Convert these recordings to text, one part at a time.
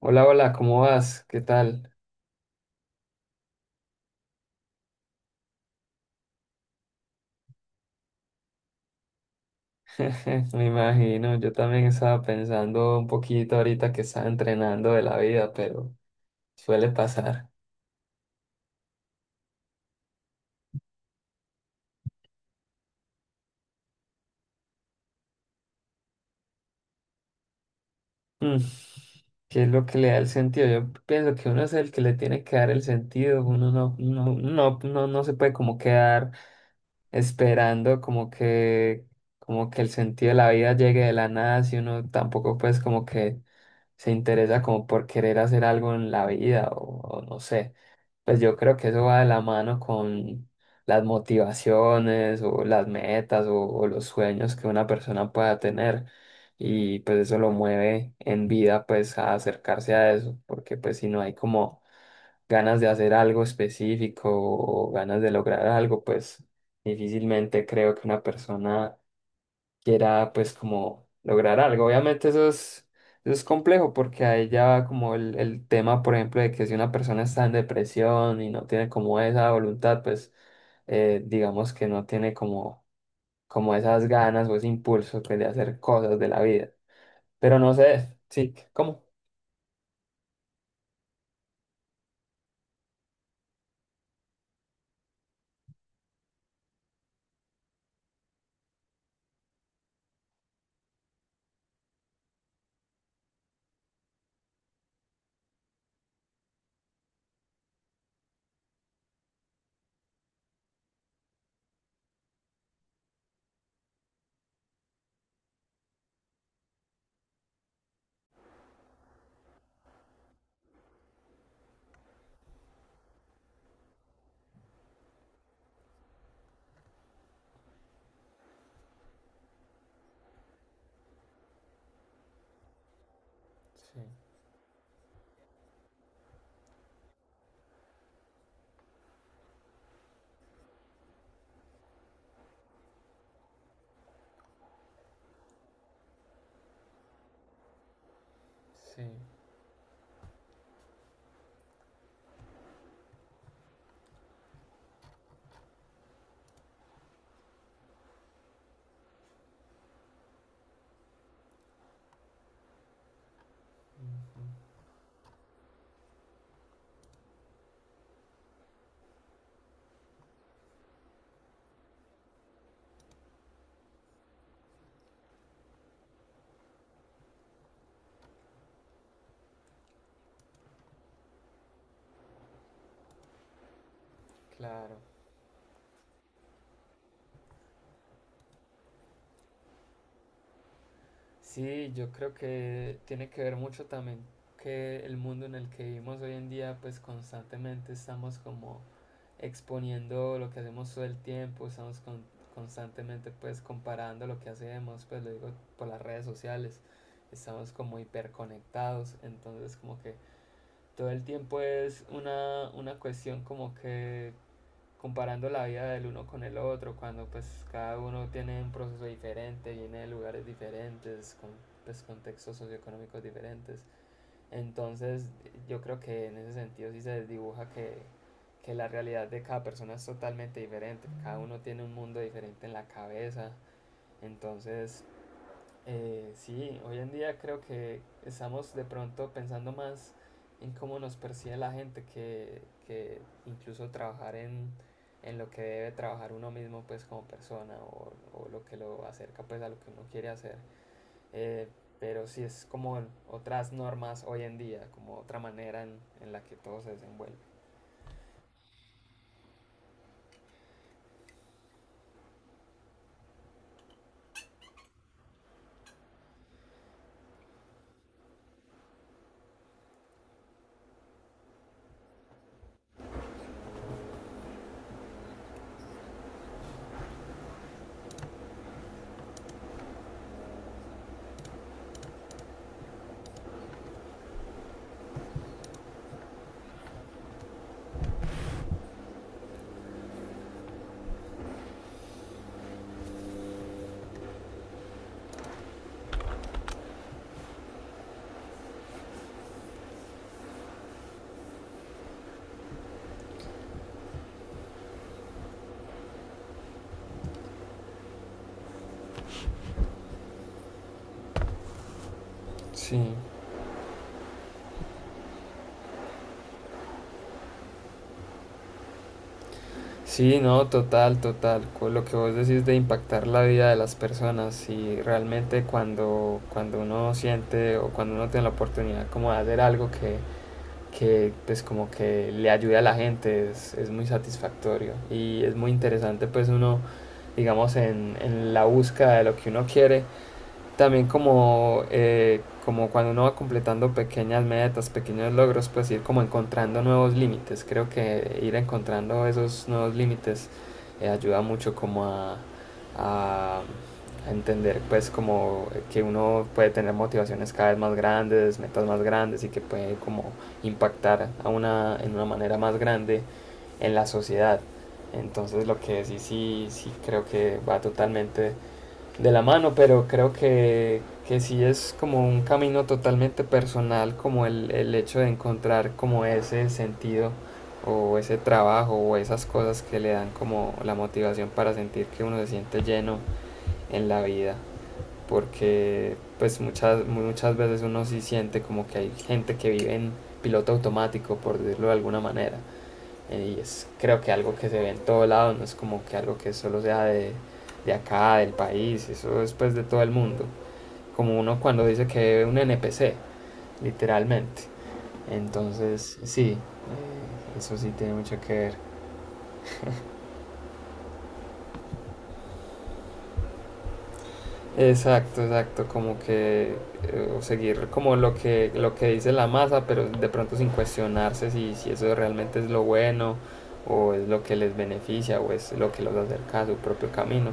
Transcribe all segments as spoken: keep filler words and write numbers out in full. Hola, hola, ¿cómo vas? ¿Qué tal? Me imagino, yo también estaba pensando un poquito ahorita que estaba entrenando de la vida, pero suele pasar. Mm. ¿Qué es lo que le da el sentido? Yo pienso que uno es el que le tiene que dar el sentido, uno no, no, no, no, no se puede como quedar esperando como que, como que el sentido de la vida llegue de la nada, si uno tampoco pues como que se interesa como por querer hacer algo en la vida o o no sé. Pues yo creo que eso va de la mano con las motivaciones o las metas o, o los sueños que una persona pueda tener y pues eso lo mueve en vida pues a acercarse a eso, porque pues si no hay como ganas de hacer algo específico o ganas de lograr algo, pues difícilmente creo que una persona que era pues como lograr algo. Obviamente eso es, eso es complejo porque ahí ya va como el, el tema, por ejemplo, de que si una persona está en depresión y no tiene como esa voluntad, pues eh, digamos que no tiene como, como esas ganas o ese impulso pues, de hacer cosas de la vida. Pero no sé, sí, ¿cómo? Sí, sí, ujú, claro. Sí, yo creo que tiene que ver mucho también que el mundo en el que vivimos hoy en día, pues constantemente estamos como exponiendo lo que hacemos todo el tiempo, estamos con- constantemente pues comparando lo que hacemos, pues lo digo por las redes sociales, estamos como hiperconectados, entonces como que todo el tiempo es una, una cuestión como que comparando la vida del uno con el otro, cuando pues cada uno tiene un proceso diferente, viene de lugares diferentes, con pues, contextos socioeconómicos diferentes. Entonces yo creo que en ese sentido sí se desdibuja que, que la realidad de cada persona es totalmente diferente, cada uno tiene un mundo diferente en la cabeza, entonces eh, sí, hoy en día creo que estamos de pronto pensando más en cómo nos percibe la gente que, que incluso trabajar en, en lo que debe trabajar uno mismo pues como persona o, o lo que lo acerca pues a lo que uno quiere hacer. Eh, pero sí es como otras normas hoy en día, como otra manera en, en la que todo se desenvuelve. Sí. Sí, no, total, total. Con lo que vos decís de impactar la vida de las personas y realmente cuando, cuando uno siente o cuando uno tiene la oportunidad como de hacer algo que, que pues como que le ayude a la gente es, es muy satisfactorio y es muy interesante pues uno digamos en, en la búsqueda de lo que uno quiere también como, eh, como cuando uno va completando pequeñas metas, pequeños logros, pues ir como encontrando nuevos límites. Creo que ir encontrando esos nuevos límites eh, ayuda mucho como a, a- a entender pues como que uno puede tener motivaciones cada vez más grandes, metas más grandes y que puede como impactar a una, en una manera más grande en la sociedad. Entonces lo que sí, sí, sí creo que va totalmente de la mano, pero creo que, que sí es como un camino totalmente personal, como el, el hecho de encontrar como ese sentido o ese trabajo o esas cosas que le dan como la motivación para sentir que uno se siente lleno en la vida. Porque pues muchas, muchas veces uno sí siente como que hay gente que vive en piloto automático, por decirlo de alguna manera. Y es creo que algo que se ve en todo lado, no es como que algo que solo sea de, de acá, del país, eso es pues de todo el mundo. Como uno cuando dice que ve un N P C, literalmente. Entonces, sí, eh, eso sí tiene mucho que ver. Exacto, exacto, como que eh, seguir como lo que, lo que dice la masa, pero de pronto sin cuestionarse si, si eso realmente es lo bueno o es lo que les beneficia o es lo que los acerca a su propio camino.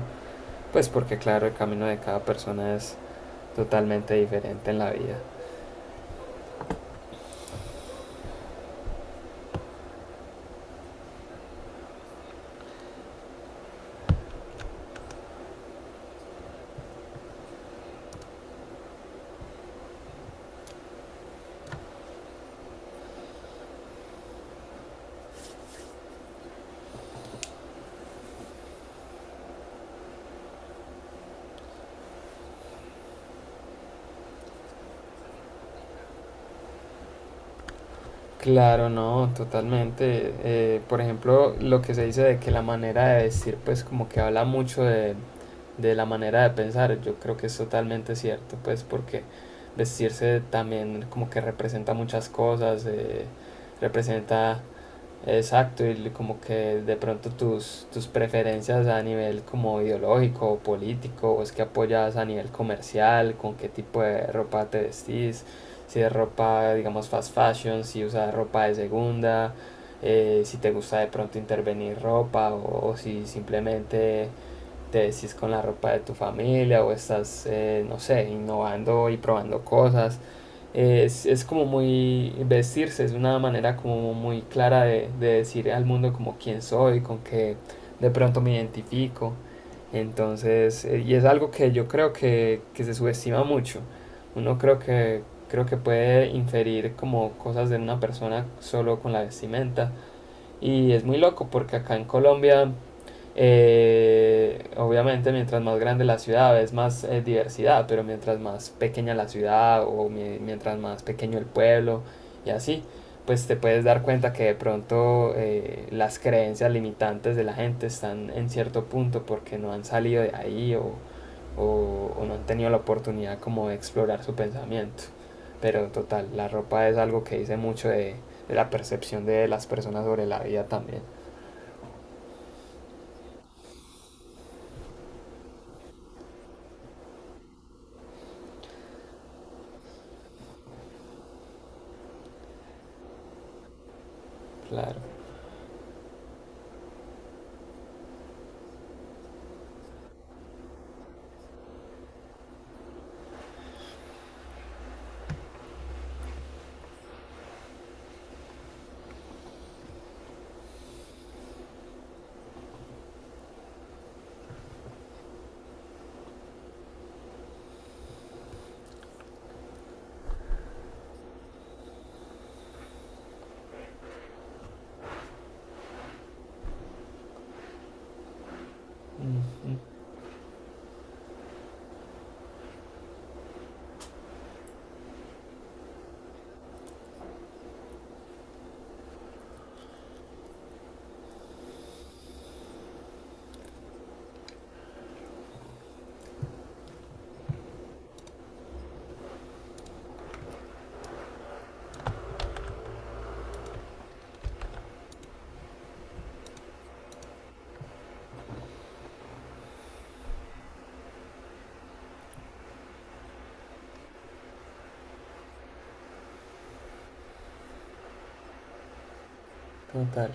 Pues porque claro, el camino de cada persona es totalmente diferente en la vida. Claro, no, totalmente. Eh, por ejemplo, lo que se dice de que la manera de vestir, pues como que habla mucho de, de la manera de pensar, yo creo que es totalmente cierto, pues porque vestirse también como que representa muchas cosas, eh, representa. Exacto, y l- como que de pronto tus, tus preferencias a nivel como ideológico o político, o es que apoyas a nivel comercial, con qué tipo de ropa te vestís, si es ropa, digamos, fast fashion, si usas ropa de segunda, eh, si te gusta de pronto intervenir ropa, o, o si simplemente te vestís con la ropa de tu familia, o estás, eh, no sé, innovando y probando cosas es, es como muy vestirse, es una manera como muy clara de, de decir al mundo como quién soy, con qué de pronto me identifico. Entonces, eh, y es algo que yo creo que, que se subestima mucho. Uno creo que, creo que puede inferir como cosas de una persona solo con la vestimenta, y es muy loco porque acá en Colombia, eh, obviamente mientras más grande la ciudad es más eh, diversidad, pero mientras más pequeña la ciudad o mi- mientras más pequeño el pueblo y así, pues te puedes dar cuenta que de pronto eh, las creencias limitantes de la gente están en cierto punto porque no han salido de ahí o, o- o no han tenido la oportunidad como de explorar su pensamiento. Pero total, la ropa es algo que dice mucho de la percepción de las personas sobre la vida también. Claro. Mm, mm. Total.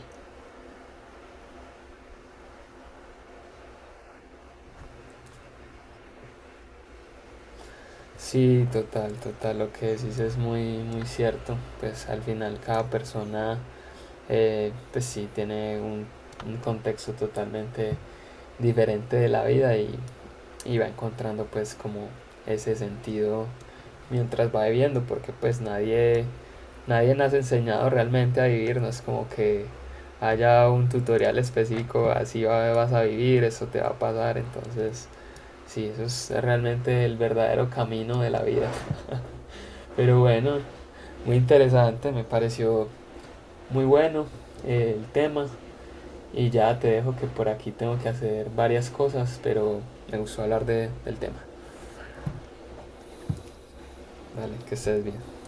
Sí, total, total. Lo que decís es muy, muy cierto. Pues al final cada persona, eh, pues sí, tiene un, un contexto totalmente diferente de la vida y, y va encontrando pues como ese sentido mientras va viviendo, porque pues nadie, nadie nos ha enseñado realmente a vivir, no es como que haya un tutorial específico, así va- vas a vivir, eso te va a pasar, entonces sí, eso es realmente el verdadero camino de la vida. Pero bueno, muy interesante, me pareció muy bueno eh, el tema y ya te dejo que por aquí tengo que hacer varias cosas, pero me gustó hablar de- del tema. Vale, que estés bien.